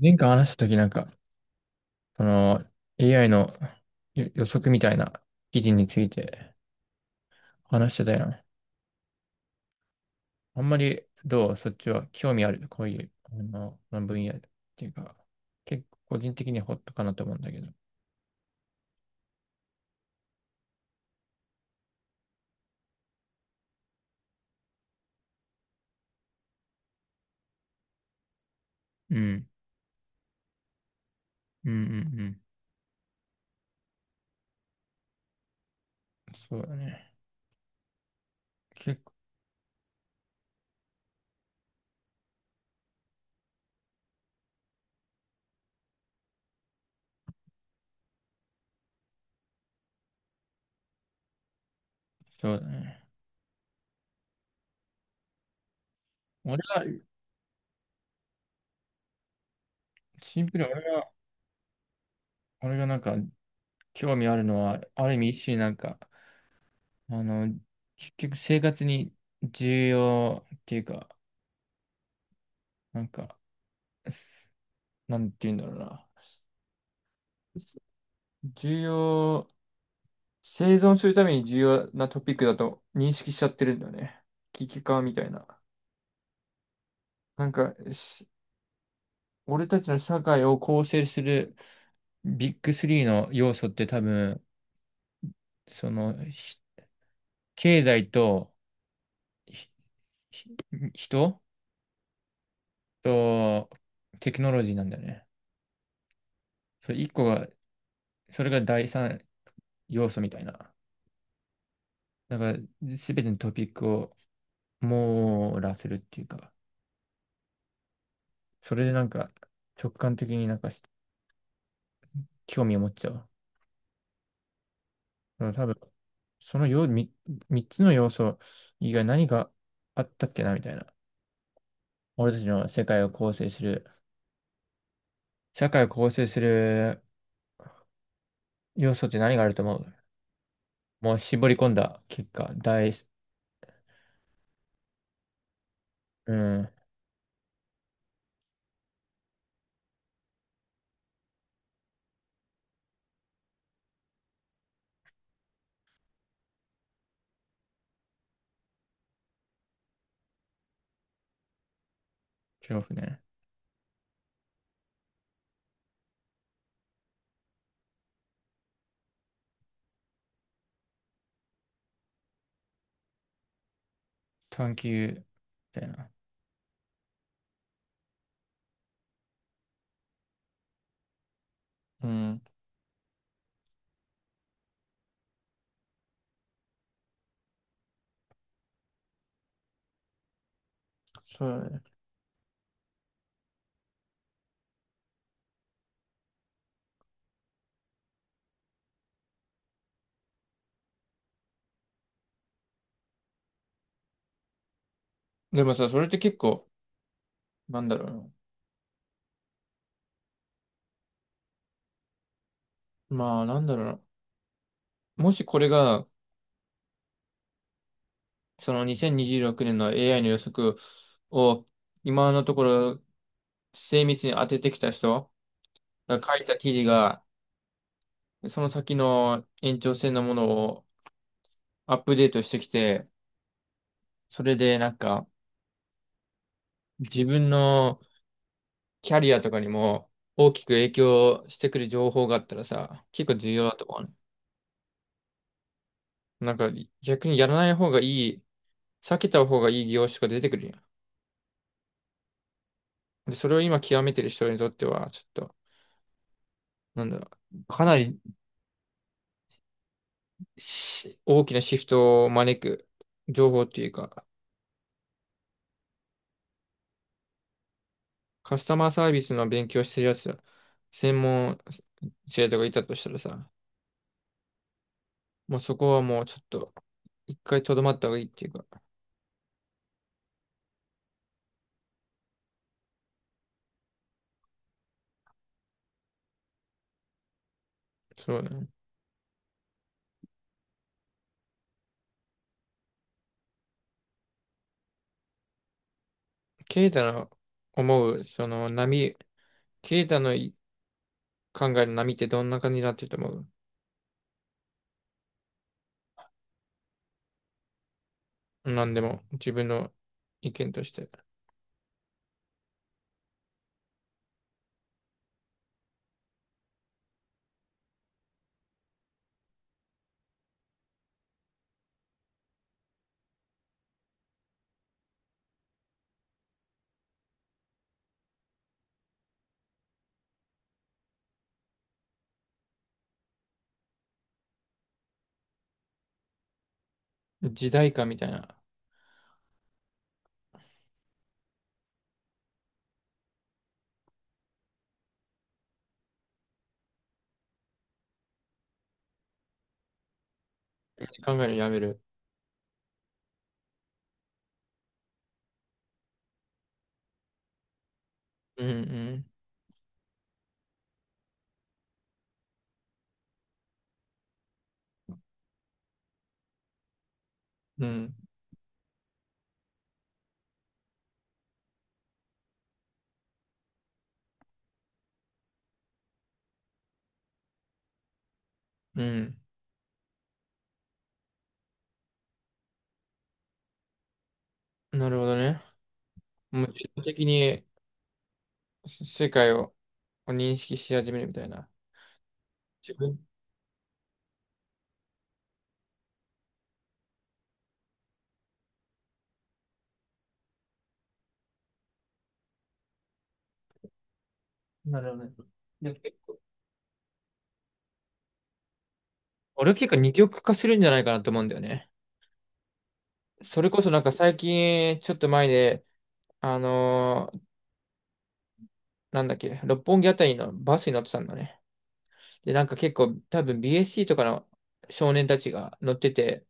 前回話したときなんか、その AI の予測みたいな記事について話してたやん。あんまりどうそっちは興味あるこういう、この分野っていうか、結構個人的にはホットかなと思うんだけど。うん。うんうんうん。そうだね。結構そうだね。俺が、シンプルに俺がなんか興味あるのは、ある意味一種なんか、あの、結局生活に重要っていうか、なんか、なんて言うんだろうな。重要、生存するために重要なトピックだと認識しちゃってるんだよね。危機感みたいな。なんか、俺たちの社会を構成するビッグスリーの要素って多分、その、ひ経済と、ひひ人とテクノロジーなんだよね。それ一個が、それが第三要素みたいな。だから、すべてのトピックを網羅するっていうか。それでなんか直感的になんか興味を持っちゃう。うん多分、そのよ、み三つの要素以外何があったっけなみたいな。俺たちの世界を構成する、社会を構成する要素って何があると思う？もう絞り込んだ結果、うん、恐怖ね。探求、みたいな。うん、そうだね。でもさ、それって結構、なんだろうな。まあ、なんだろうな。もしこれが、その2026年の AI の予測を今のところ精密に当ててきた人が書いた記事が、その先の延長線のものをアップデートしてきて、それでなんか自分のキャリアとかにも大きく影響してくる情報があったらさ、結構重要だと思うね。なんか逆にやらない方がいい、避けた方がいい業種が出てくるやん。で、それを今極めてる人にとっては、ちょっと、なんだろう、かなり大きなシフトを招く情報っていうか、カスタマーサービスの勉強してるやつ、専門生徒がいたとしたらさ、もうそこはもうちょっと、一回とどまった方がいいっていうか、そうだね。ケイタの思う、その波、ケイタのい考える波ってどんな感じになってると思う？なんでも、自分の意見として。時代感みたいな。考えるのやめる。うんうん。うんうん。なるほどね。もう、自動的に世界を認識し始めるみたいな。自分なるほどね。いや、結構。俺結構二極化するんじゃないかなと思うんだよね。それこそなんか最近、ちょっと前で、あのーなんだっけ、六本木あたりのバスに乗ってたんだね。で、なんか結構多分 BSC とかの少年たちが乗ってて、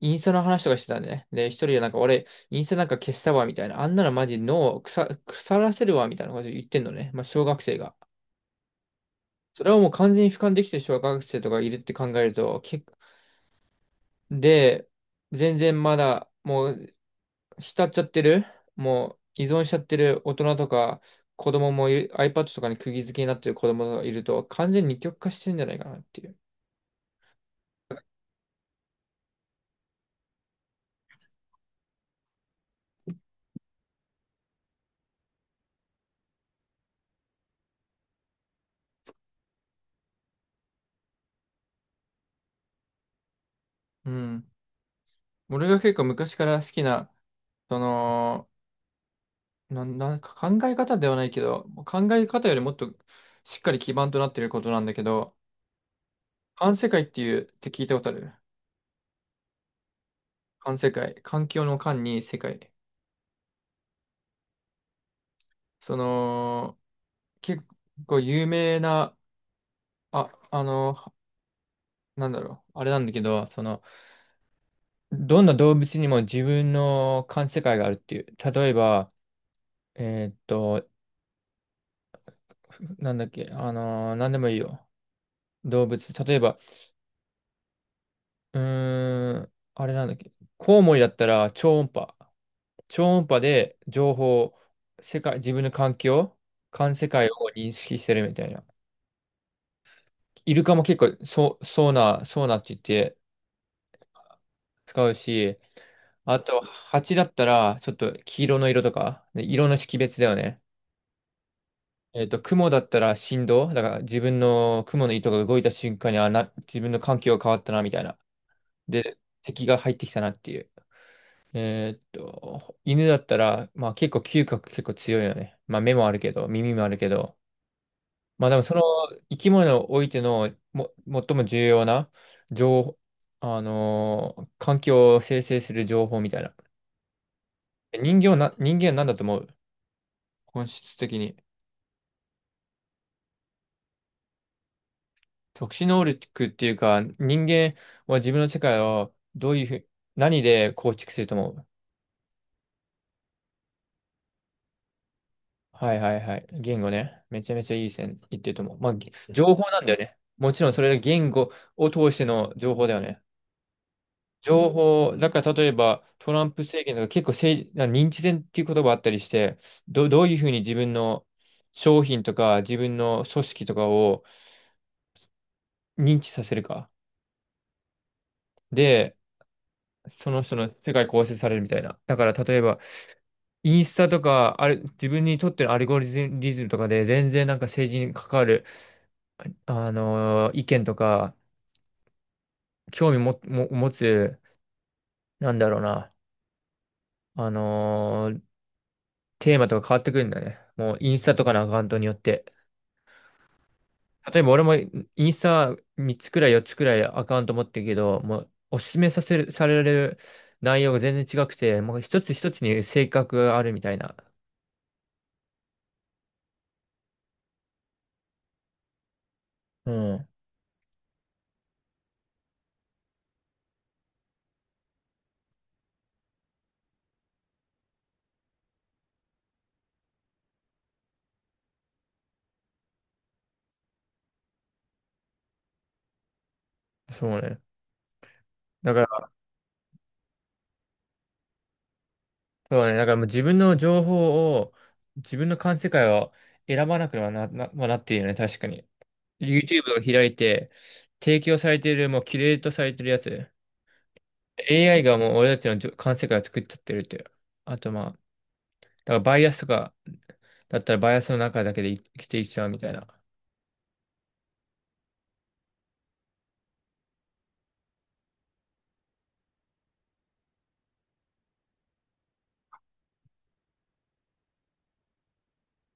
インスタの話とかしてたんだね。で、一人でなんか俺、インスタなんか消したわ、みたいな。あんなのマジ脳を腐らせるわ、みたいなこと言ってんのね。まあ、小学生が。それはもう完全に俯瞰できてる小学生とかいるって考えると、で、全然まだもう浸っちゃってる、もう依存しちゃってる大人とか子供もいる、iPad とかに釘付けになってる子供がいると、完全に二極化してんじゃないかなっていう。うん。俺が結構昔から好きな、その、なんか考え方ではないけど、考え方よりもっとしっかり基盤となってることなんだけど、環世界っていうって聞いたことある？環世界。環境の環に世界。その、結構有名な、あ、あの、なんだろう、あれなんだけど、その、どんな動物にも自分の感世界があるっていう。例えば、えーっと、なんだっけ、なんでもいいよ。動物。例えば、あれなんだっけ、コウモリだったら超音波。超音波で情報、世界、自分の環境、環世界を認識してるみたいな。イルカも結構そう、そうな、そうなって言って、使うし、あと、蜂だったら、ちょっと黄色の色とか、で色の識別だよね。雲だったら振動、だから自分の雲の糸が動いた瞬間に、自分の環境が変わったな、みたいな。で、敵が入ってきたなっていう。犬だったら、まあ結構嗅覚結構強いよね。まあ目もあるけど、耳もあるけど、まあでもその生き物においてのも最も重要な情報、環境を生成する情報みたいな。人間は何だと思う？本質的に。特殊能力っていうか、人間は自分の世界をどういうふう、何で構築すると思う？はいはいはい。言語ね。めちゃめちゃいい線いってると思う。まあ、情報なんだよね。もちろんそれが言語を通しての情報だよね。情報、だから例えばトランプ政権とか結構政治、認知戦っていう言葉あったりして、どういうふうに自分の商品とか自分の組織とかを認知させるか。で、その人の世界構成されるみたいな。だから例えば、インスタとか、あれ、自分にとってのアルゴリズムとかで、全然なんか政治に関わる、意見とか、興味も、持つ、なんだろうな、あのーテーマとか変わってくるんだね。もうインスタとかのアカウントによって。例えば俺もインスタ3つくらい4つくらいアカウント持ってるけど、もうおすすめさせる、される内容が全然違くて、もう一つ一つに性格があるみたいな。うん。そうね。だからそうだね。だからもう自分の情報を、自分の感世界を選ばなくはな、まあなっているよね。確かに。YouTube を開いて、提供されている、もうキュレートされてるやつ。AI がもう俺たちの感世界を作っちゃってるっていう。あとまあ、だからバイアスとか、だったらバイアスの中だけで生きていっちゃうみたいな。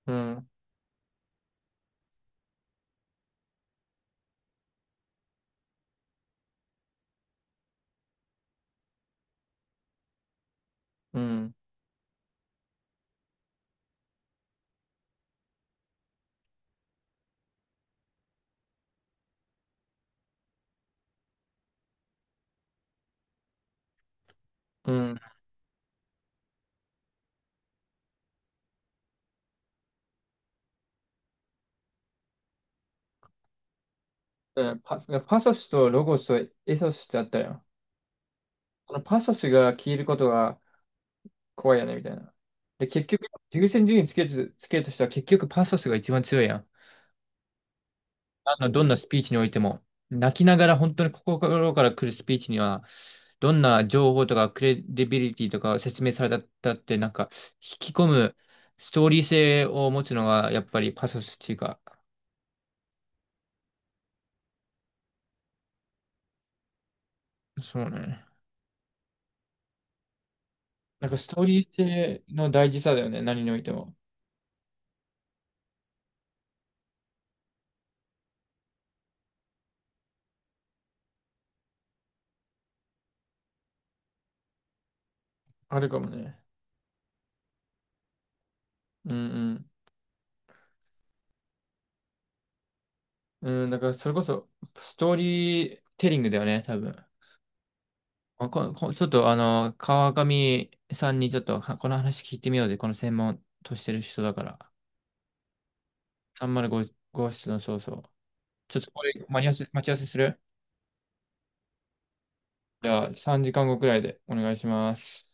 うん、うん、うん。だからパソスとロゴスとエソスってあったよ。このパソスが消えることが怖いよね、みたいな。で、結局、優先順位つけるとしたら結局パソスが一番強いやん。どんなスピーチにおいても、泣きながら本当に心から来るスピーチには、どんな情報とかクレディビリティとか説明されたって、なんか、引き込むストーリー性を持つのが、やっぱりパソスっていうか、そうね。なんかストーリー性の大事さだよね、何においても。あるかもね。うんうん。うん、だからそれこそ、ストーリーテリングだよね、多分。ここちょっと川上さんにちょっとはこの話聞いてみようぜ。この専門としてる人だから。305号室のそうそう。ちょっとこれ、待ち合わせする。じゃあ3時間後くらいでお願いします。